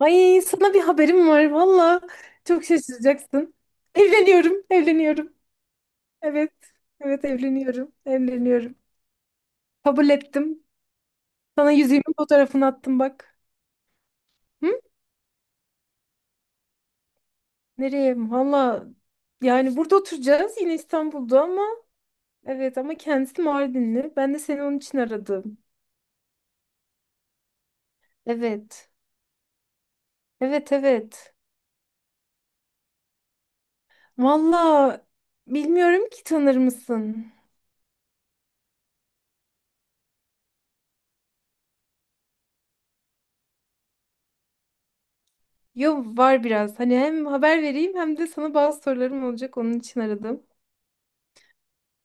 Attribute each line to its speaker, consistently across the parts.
Speaker 1: Ay sana bir haberim var valla. Çok şaşıracaksın. Evleniyorum, evleniyorum. Evet, evet evleniyorum, evleniyorum. Kabul ettim. Sana yüzüğümün fotoğrafını attım bak. Hı? Nereye? Valla yani burada oturacağız yine İstanbul'da ama evet ama kendisi Mardinli. Ben de seni onun için aradım. Evet, evet, evet. Valla bilmiyorum ki tanır mısın? Yo var biraz. Hani hem haber vereyim hem de sana bazı sorularım olacak onun için aradım.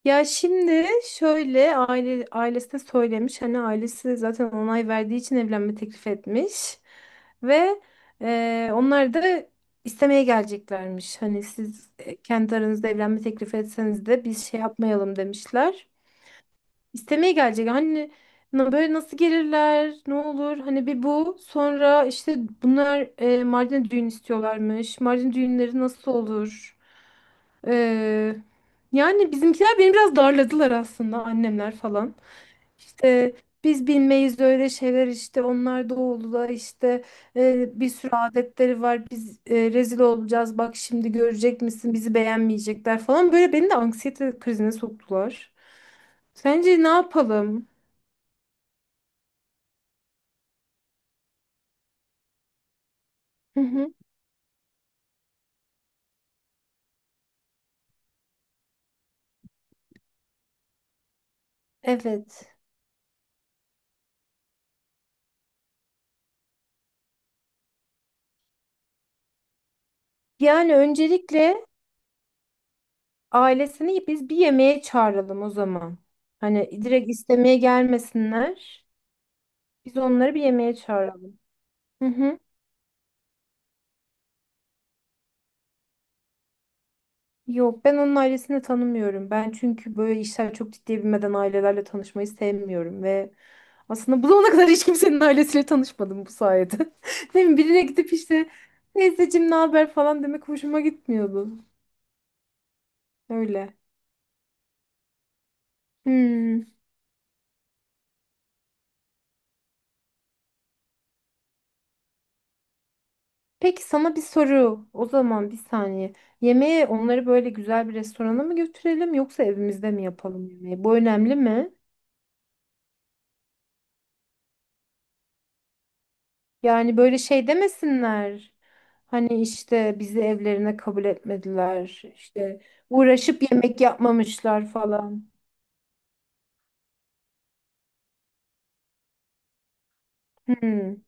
Speaker 1: Ya şimdi şöyle ailesine söylemiş, hani ailesi zaten onay verdiği için evlenme teklif etmiş ve onlar da istemeye geleceklermiş. Hani siz, kendi aranızda evlenme teklif etseniz de biz şey yapmayalım demişler. İstemeye gelecek. Hani böyle nasıl gelirler? Ne olur? Hani bir bu. Sonra işte bunlar Mardin'e düğün istiyorlarmış. Mardin düğünleri nasıl olur? Ee, yani bizimkiler beni biraz darladılar aslında, annemler falan. İşte biz bilmeyiz öyle şeyler, işte onlar doğulu da, işte bir sürü adetleri var, biz rezil olacağız bak, şimdi görecek misin, bizi beğenmeyecekler falan, böyle beni de anksiyete krizine soktular. Sence ne yapalım? Hı hı. Evet. Yani öncelikle ailesini biz bir yemeğe çağıralım o zaman. Hani direkt istemeye gelmesinler. Biz onları bir yemeğe çağıralım. Hı hı. Yok, ben onun ailesini tanımıyorum. Ben, çünkü böyle işler çok ciddiye binmeden ailelerle tanışmayı sevmiyorum ve aslında bu zamana kadar hiç kimsenin ailesiyle tanışmadım bu sayede. Değil mi? Birine gidip işte teyzeciğim ne haber falan demek hoşuma gitmiyordu. Öyle. Hmm. Peki sana bir soru. O zaman bir saniye. Yemeği onları böyle güzel bir restorana mı götürelim, yoksa evimizde mi yapalım yemeği? Bu önemli mi? Yani böyle şey demesinler. Hani işte bizi evlerine kabul etmediler. İşte uğraşıp yemek yapmamışlar falan. Hmm,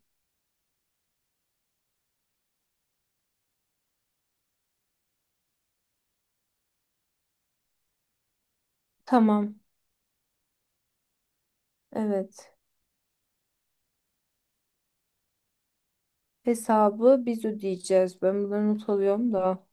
Speaker 1: tamam. Evet. Hesabı biz ödeyeceğiz. Ben bunları not alıyorum da.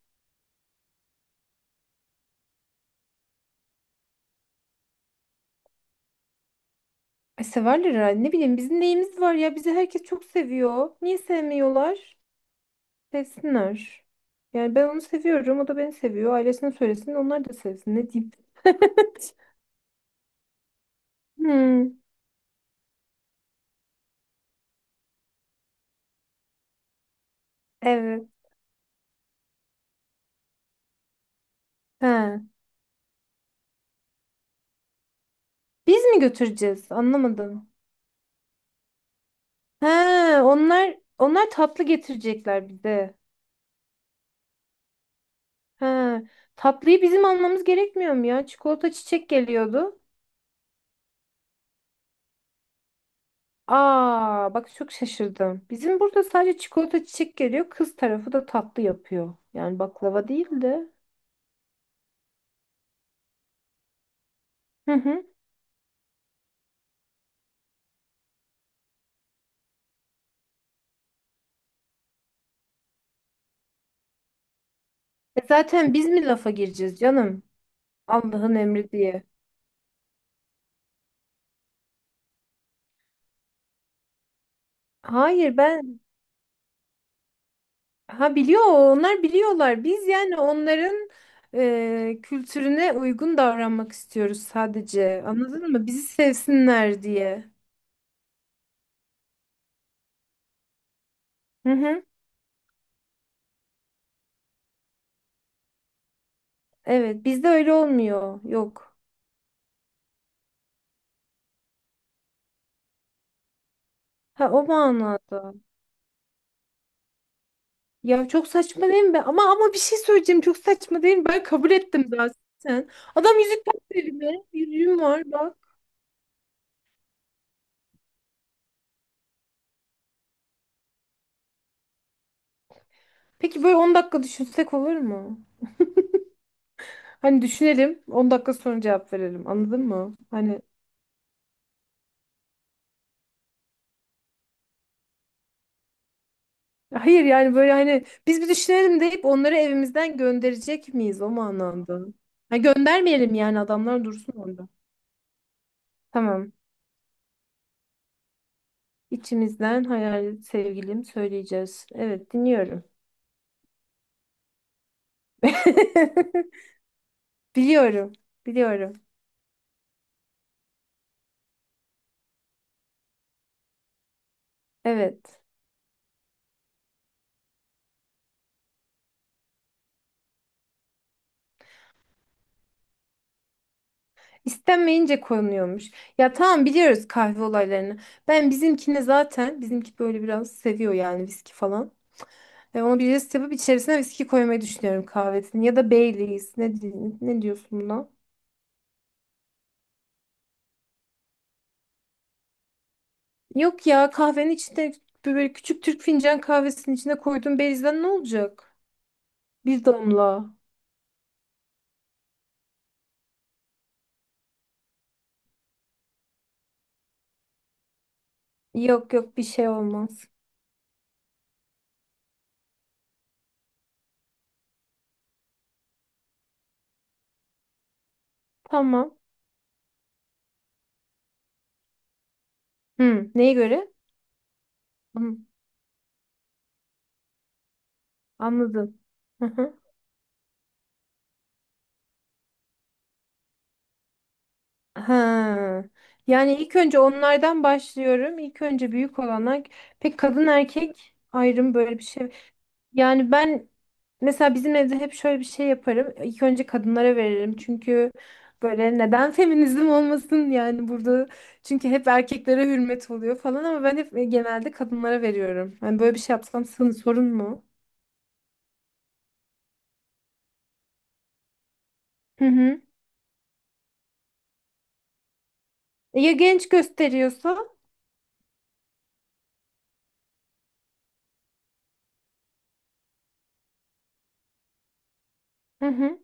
Speaker 1: Ay, severler herhalde. Ne bileyim, bizim neyimiz var ya. Bizi herkes çok seviyor. Niye sevmiyorlar? Sevsinler. Yani ben onu seviyorum, o da beni seviyor. Ailesine söylesin, onlar da sevsin. Ne diyeyim? Hmm, evet. He. Biz mi götüreceğiz? Anlamadım. He, onlar onlar tatlı getirecekler bir de. He. Tatlıyı bizim almamız gerekmiyor mu ya? Çikolata, çiçek geliyordu. Aa, bak çok şaşırdım. Bizim burada sadece çikolata, çiçek geliyor. Kız tarafı da tatlı yapıyor. Yani baklava değil de. Hı hı. E zaten biz mi lafa gireceğiz canım? Allah'ın emri diye. Hayır, ben ha biliyor, onlar biliyorlar. Biz yani onların kültürüne uygun davranmak istiyoruz sadece. Anladın mı? Bizi sevsinler diye. Hı hı. Evet, bizde öyle olmuyor. Yok. Ha, o manada. Ya çok saçma değil mi? Ama ama bir şey söyleyeceğim. Çok saçma değil mi? Ben kabul ettim zaten. Adam yüzük tak dedi be. Yüzüğüm var bak. Peki böyle 10 dakika düşünsek olur mu? Hani düşünelim, 10 dakika sonra cevap verelim, anladın mı? Hani hayır, yani böyle hani biz bir düşünelim deyip onları evimizden gönderecek miyiz o manada? Ha, göndermeyelim yani, adamlar dursun orada. Tamam. İçimizden hayal sevgilim söyleyeceğiz. Evet, dinliyorum. Biliyorum. Biliyorum. Evet. İstenmeyince konuyormuş. Ya tamam, biliyoruz kahve olaylarını. Ben bizimkine zaten, bizimki böyle biraz seviyor yani, viski falan. Ve onu bir jest yapıp içerisine viski koymayı düşünüyorum kahvesini. Ya da Baileys. Ne, ne diyorsun buna? Yok ya, kahvenin içinde böyle küçük Türk fincan kahvesinin içine koyduğum Baileys'den ne olacak? Bir damla. Yok yok, bir şey olmaz. Tamam. Hı, neye göre? Hı, anladım. Hı hı. Ha. Yani ilk önce onlardan başlıyorum. İlk önce büyük olanlar. Peki kadın erkek ayrım, böyle bir şey. Yani ben, mesela bizim evde hep şöyle bir şey yaparım. İlk önce kadınlara veririm. Çünkü böyle, neden feminizm olmasın yani burada. Çünkü hep erkeklere hürmet oluyor falan ama ben hep genelde kadınlara veriyorum. Yani böyle bir şey yapsam sorun mu? Hı hı. Ya genç gösteriyorsa? Hı hı.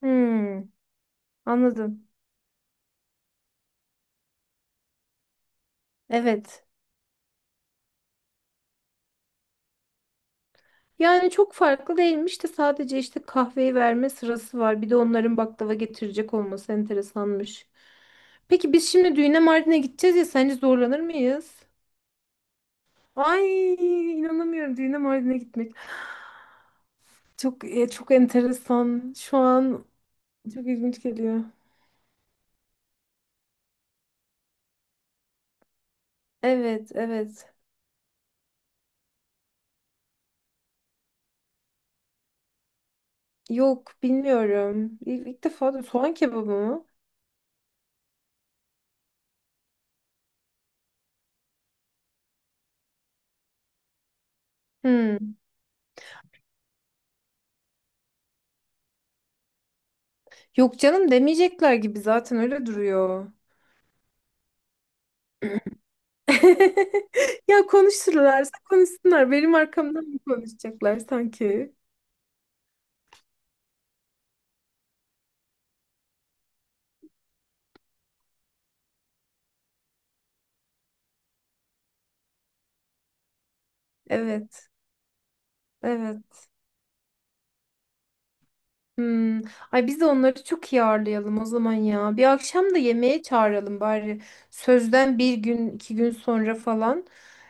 Speaker 1: Hmm, anladım. Evet. Yani çok farklı değilmiş de sadece işte kahveyi verme sırası var. Bir de onların baklava getirecek olması enteresanmış. Peki biz şimdi düğüne Mardin'e gideceğiz ya, sence zorlanır mıyız? Ay, inanamıyorum, düğüne Mardin'e gitmek. Çok çok enteresan. Şu an çok ilginç geliyor. Evet, evet. Yok, bilmiyorum. İlk defa da soğan kebabı mı? Hmm. Yok canım, demeyecekler gibi, zaten öyle duruyor. Ya konuşurlarsa konuşsunlar. Benim arkamdan mı konuşacaklar sanki? Evet, evet. Hmm. Ay, biz de onları çok iyi ağırlayalım o zaman ya. Bir akşam da yemeğe çağıralım bari. Sözden bir gün, iki gün sonra falan.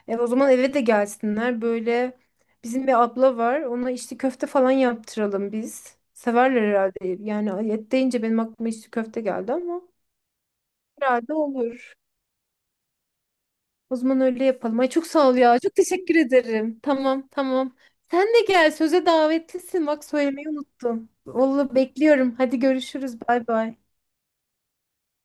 Speaker 1: E, o zaman eve de gelsinler. Böyle bizim bir abla var. Ona içli köfte falan yaptıralım biz. Severler herhalde. Yani et deyince benim aklıma içli köfte geldi ama herhalde olur. O zaman öyle yapalım. Ay çok sağ ol ya. Çok teşekkür ederim. Tamam, tamam. Sen de gel. Söze davetlisin. Bak, söylemeyi unuttum. Vallahi bekliyorum. Hadi görüşürüz. Bay bay.